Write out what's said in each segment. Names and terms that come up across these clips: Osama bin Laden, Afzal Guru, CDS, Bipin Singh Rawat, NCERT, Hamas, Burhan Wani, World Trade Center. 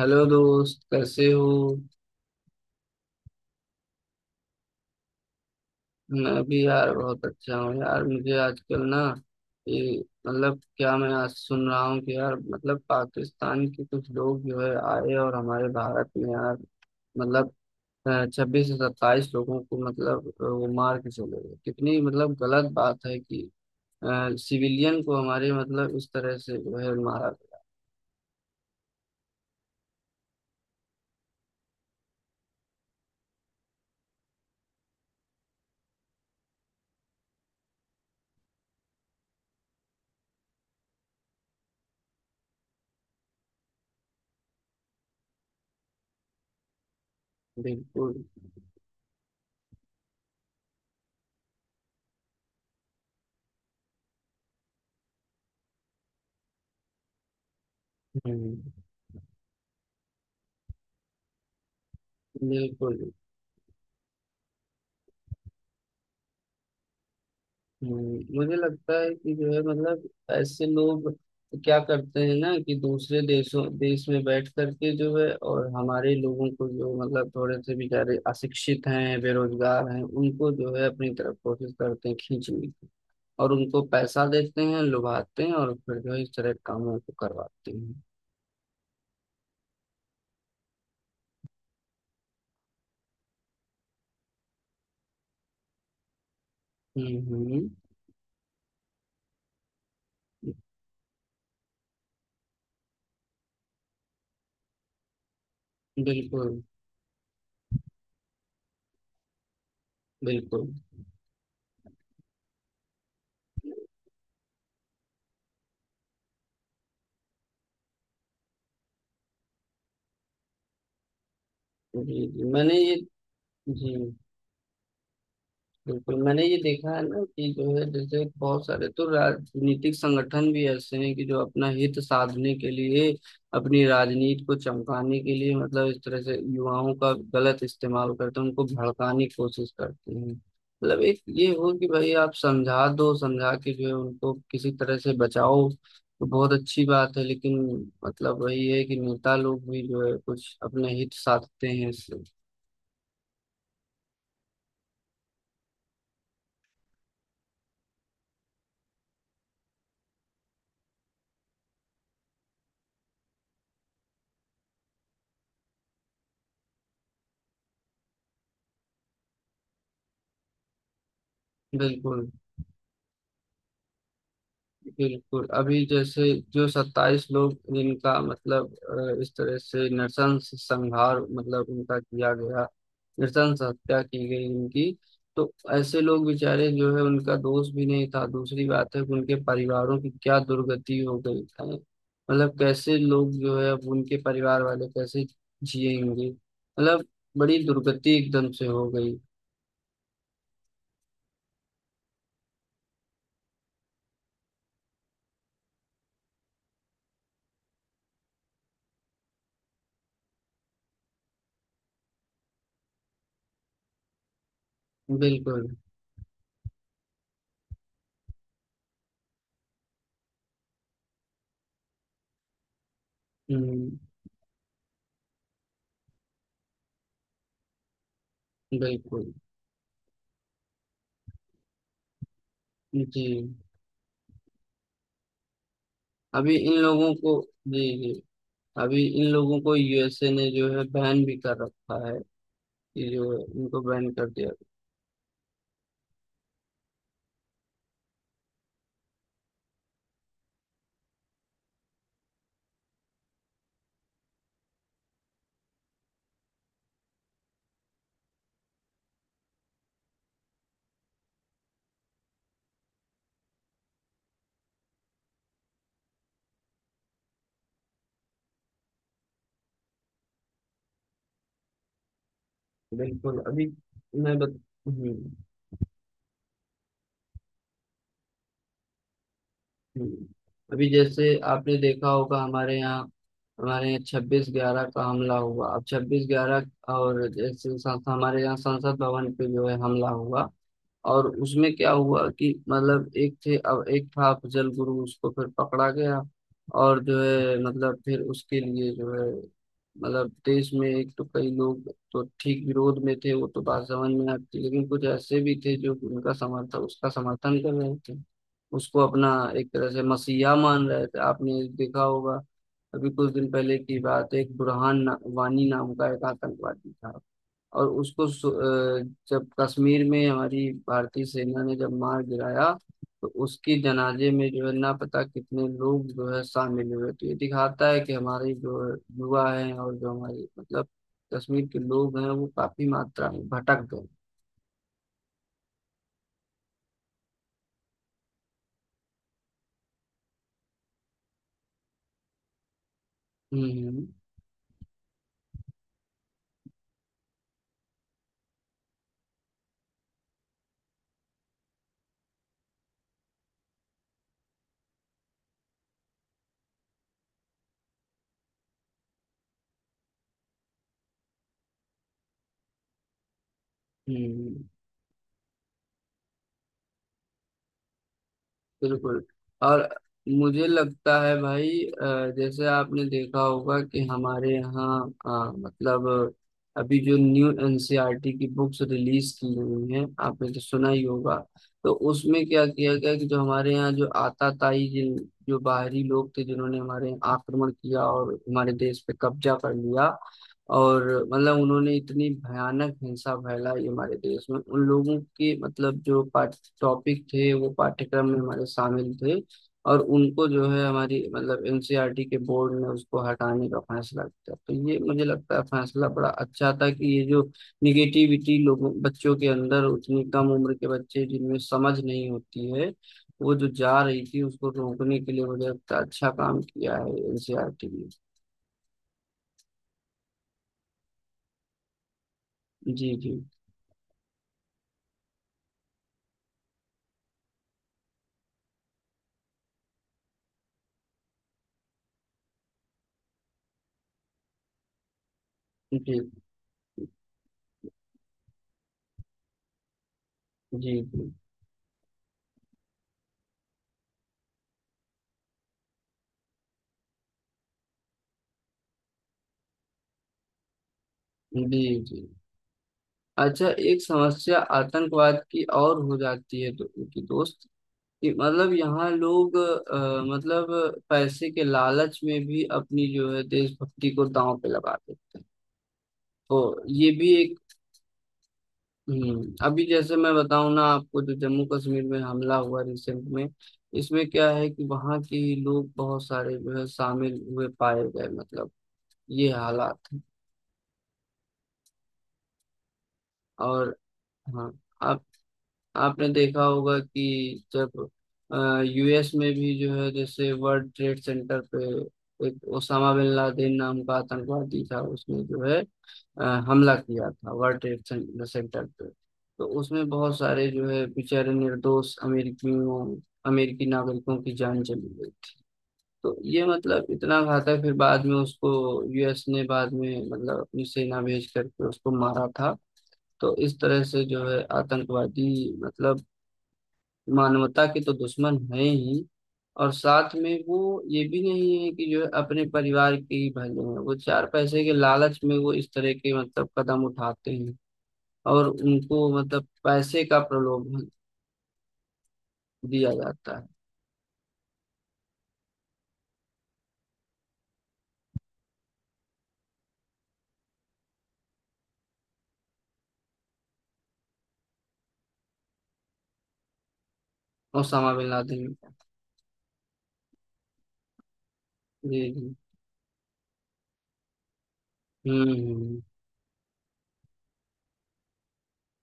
Hello दोस्त, कैसे हो? मैं भी यार बहुत अच्छा हूँ यार। मुझे आजकल ना, ये मतलब, क्या मैं आज सुन रहा हूँ कि यार मतलब पाकिस्तान के कुछ लोग जो है आए और हमारे भारत में यार मतलब छब्बीस से सत्ताईस लोगों को मतलब वो मार के चले गए। कितनी मतलब गलत बात है कि सिविलियन को हमारे मतलब इस तरह से जो है मारा गया। बिल्कुल। हम्म। बिल्कुल। मुझे लगता है कि जो है मतलब ऐसे लोग क्या करते हैं ना, कि दूसरे देशों देश में बैठ करके जो है और हमारे लोगों को जो मतलब थोड़े से बेचारे अशिक्षित हैं, बेरोजगार हैं, उनको जो है अपनी तरफ कोशिश करते हैं खींचने की। और उनको पैसा देते हैं, लुभाते हैं, और फिर जो है इस तरह के कामों को करवाते हैं। हम्म। बिल्कुल। बिल्कुल। जी जी। मैंने ये जी। बिल्कुल, मैंने ये देखा है ना कि जो है जैसे बहुत सारे तो राजनीतिक संगठन भी ऐसे हैं कि जो अपना हित साधने के लिए, अपनी राजनीति को चमकाने के लिए मतलब इस तरह से युवाओं का गलत इस्तेमाल करते हैं, उनको भड़काने की कोशिश करते हैं। मतलब एक ये हो कि भाई आप समझा दो, समझा के जो है उनको किसी तरह से बचाओ तो बहुत अच्छी बात है, लेकिन मतलब वही है कि नेता लोग भी जो है कुछ अपने हित साधते हैं इससे। बिल्कुल। बिल्कुल, अभी जैसे जो सत्ताईस लोग जिनका मतलब इस तरह से नृशंस संहार मतलब उनका किया गया, नृशंस हत्या की गई उनकी। तो ऐसे लोग बेचारे जो है उनका दोष भी नहीं था। दूसरी बात है कि उनके परिवारों की क्या दुर्गति हो गई है मतलब कैसे लोग जो है अब उनके परिवार वाले कैसे जिएंगे मतलब। बड़ी दुर्गति एकदम से हो गई। बिल्कुल। हम्म। बिल्कुल। जी। अभी इन लोगों को जी जी, अभी इन लोगों को यूएसए ने जो है बैन भी कर रखा है। ये जो है इनको बैन कर दिया। बिल्कुल। मैं बत... हम्म हम्म। अभी जैसे आपने देखा होगा हमारे यहाँ, हमारे यहाँ छब्बीस ग्यारह का हमला हुआ। अब छब्बीस ग्यारह और जैसे हमारे यहाँ संसद भवन पे जो है हमला हुआ। और उसमें क्या हुआ कि मतलब एक थे अब एक था अफजल गुरु, उसको फिर पकड़ा गया। और जो है मतलब फिर उसके लिए जो है मतलब देश में एक तो कई लोग तो ठीक विरोध में थे, वो तो बात समझ में आती, लेकिन कुछ ऐसे भी थे जो उनका समर्थन उसका समर्थन कर रहे थे। उसको अपना एक तरह से मसीहा मान रहे थे, आपने देखा होगा। अभी कुछ दिन पहले की बात है, एक बुरहान वानी नाम का एक आतंकवादी था। और जब कश्मीर में हमारी भारतीय सेना ने जब मार गिराया, तो उसके जनाजे में जो है ना पता कितने लोग जो है शामिल हुए। तो ये दिखाता है कि हमारे जो युवा हैं, और जो हमारे मतलब कश्मीर के लोग हैं वो काफी मात्रा में भटक गए। हम्म हम्म हम्म। बिल्कुल। और मुझे लगता है भाई जैसे आपने देखा होगा कि हमारे यहाँ मतलब अभी जो न्यू एनसीईआरटी की बुक्स रिलीज की हुई हैं आपने तो सुना ही होगा। तो उसमें क्या किया गया कि जो हमारे यहाँ जो बाहरी लोग थे जिन्होंने हमारे यहाँ आक्रमण किया और हमारे देश पे कब्जा कर लिया, और मतलब उन्होंने इतनी भयानक हिंसा फैलाई हमारे देश में। उन लोगों की मतलब जो टॉपिक थे वो पाठ्यक्रम में हमारे शामिल थे, और उनको जो है हमारी मतलब एनसीईआरटी के बोर्ड ने उसको हटाने का फैसला किया। तो ये मुझे लगता है फैसला बड़ा अच्छा था, कि ये जो निगेटिविटी लोगों, बच्चों के अंदर, उतनी कम उम्र के बच्चे जिनमें समझ नहीं होती है, वो जो जा रही थी उसको रोकने के लिए मुझे लगता है अच्छा काम किया है एनसीईआरटी ने। जी जी। जी जी। जी जी जी। अच्छा, एक समस्या आतंकवाद की और हो जाती है तो, उनकी दोस्त ये मतलब यहाँ लोग मतलब पैसे के लालच में भी अपनी जो है देशभक्ति को दांव पे लगा देते हैं। तो ये भी एक अभी जैसे मैं बताऊं ना आपको, जो जम्मू कश्मीर में हमला हुआ रिसेंट में, इसमें क्या है कि वहाँ के ही लोग बहुत सारे जो है शामिल हुए पाए गए मतलब, ये हालात हैं। और हाँ, आपने देखा होगा कि जब यूएस में भी जो है, जैसे वर्ल्ड ट्रेड सेंटर पे, एक ओसामा बिन लादेन नाम का आतंकवादी था, उसने जो है अ, हमला किया था वर्ल्ड ट्रेड सेंटर पे। तो उसमें बहुत सारे जो है बेचारे निर्दोष अमेरिकियों अमेरिकी नागरिकों की जान चली गई। तो ये मतलब इतना घातक। फिर बाद में उसको यूएस ने बाद में मतलब अपनी सेना भेज करके उसको मारा था। तो इस तरह से जो है आतंकवादी मतलब मानवता के तो दुश्मन है ही, और साथ में वो ये भी नहीं है कि जो है अपने परिवार के ही भले हैं, वो चार पैसे के लालच में वो इस तरह के मतलब कदम उठाते हैं, और उनको मतलब पैसे का प्रलोभन दिया जाता है। ओसामा बिन लादेन का। जी जी। हम्म।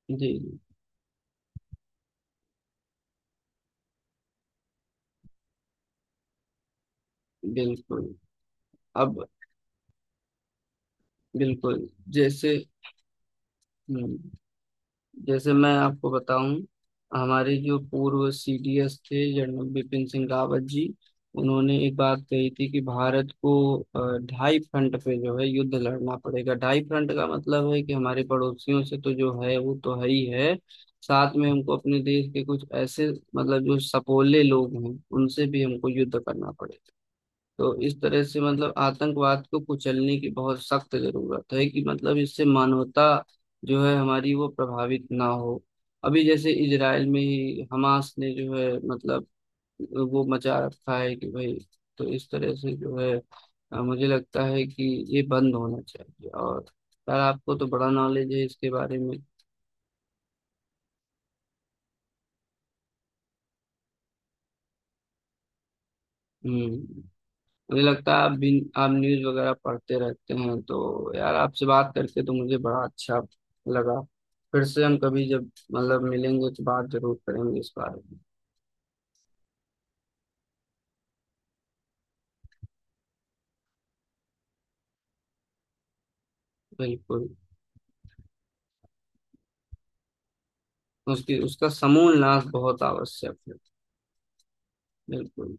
जी जी। बिल्कुल। अब बिल्कुल। जैसे हम्म जैसे मैं आपको बताऊं, हमारे जो पूर्व सीडीएस थे जनरल बिपिन सिंह रावत जी, उन्होंने एक बात कही थी कि भारत को ढाई फ्रंट पे जो है युद्ध लड़ना पड़ेगा। ढाई फ्रंट का मतलब है कि हमारे पड़ोसियों से तो जो है वो तो है ही है, साथ में हमको अपने देश के कुछ ऐसे मतलब जो सपोले लोग हैं उनसे भी हमको युद्ध करना पड़ेगा। तो इस तरह से मतलब आतंकवाद को कुचलने की बहुत सख्त जरूरत है, कि मतलब इससे मानवता जो है हमारी वो प्रभावित ना हो। अभी जैसे इजराइल में ही हमास ने जो है मतलब वो मचा रखा है कि भाई। तो इस तरह से जो है मुझे लगता है कि ये बंद होना चाहिए। और यार, आपको तो बड़ा नॉलेज है इसके बारे में। हम्म, मुझे लगता है आप भी, आप न्यूज़ वगैरह पढ़ते रहते हैं, तो यार आपसे बात करके तो मुझे बड़ा अच्छा लगा। फिर से हम कभी जब मतलब मिलेंगे तो बात जरूर करेंगे इस बारे में। बिल्कुल। उसकी उसका समूल नाश बहुत आवश्यक है। बिल्कुल।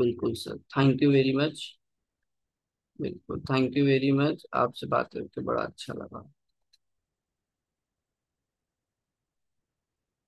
बिल्कुल sir, thank you very much. बिल्कुल, थैंक यू वेरी मच, आपसे बात करके बड़ा अच्छा लगा।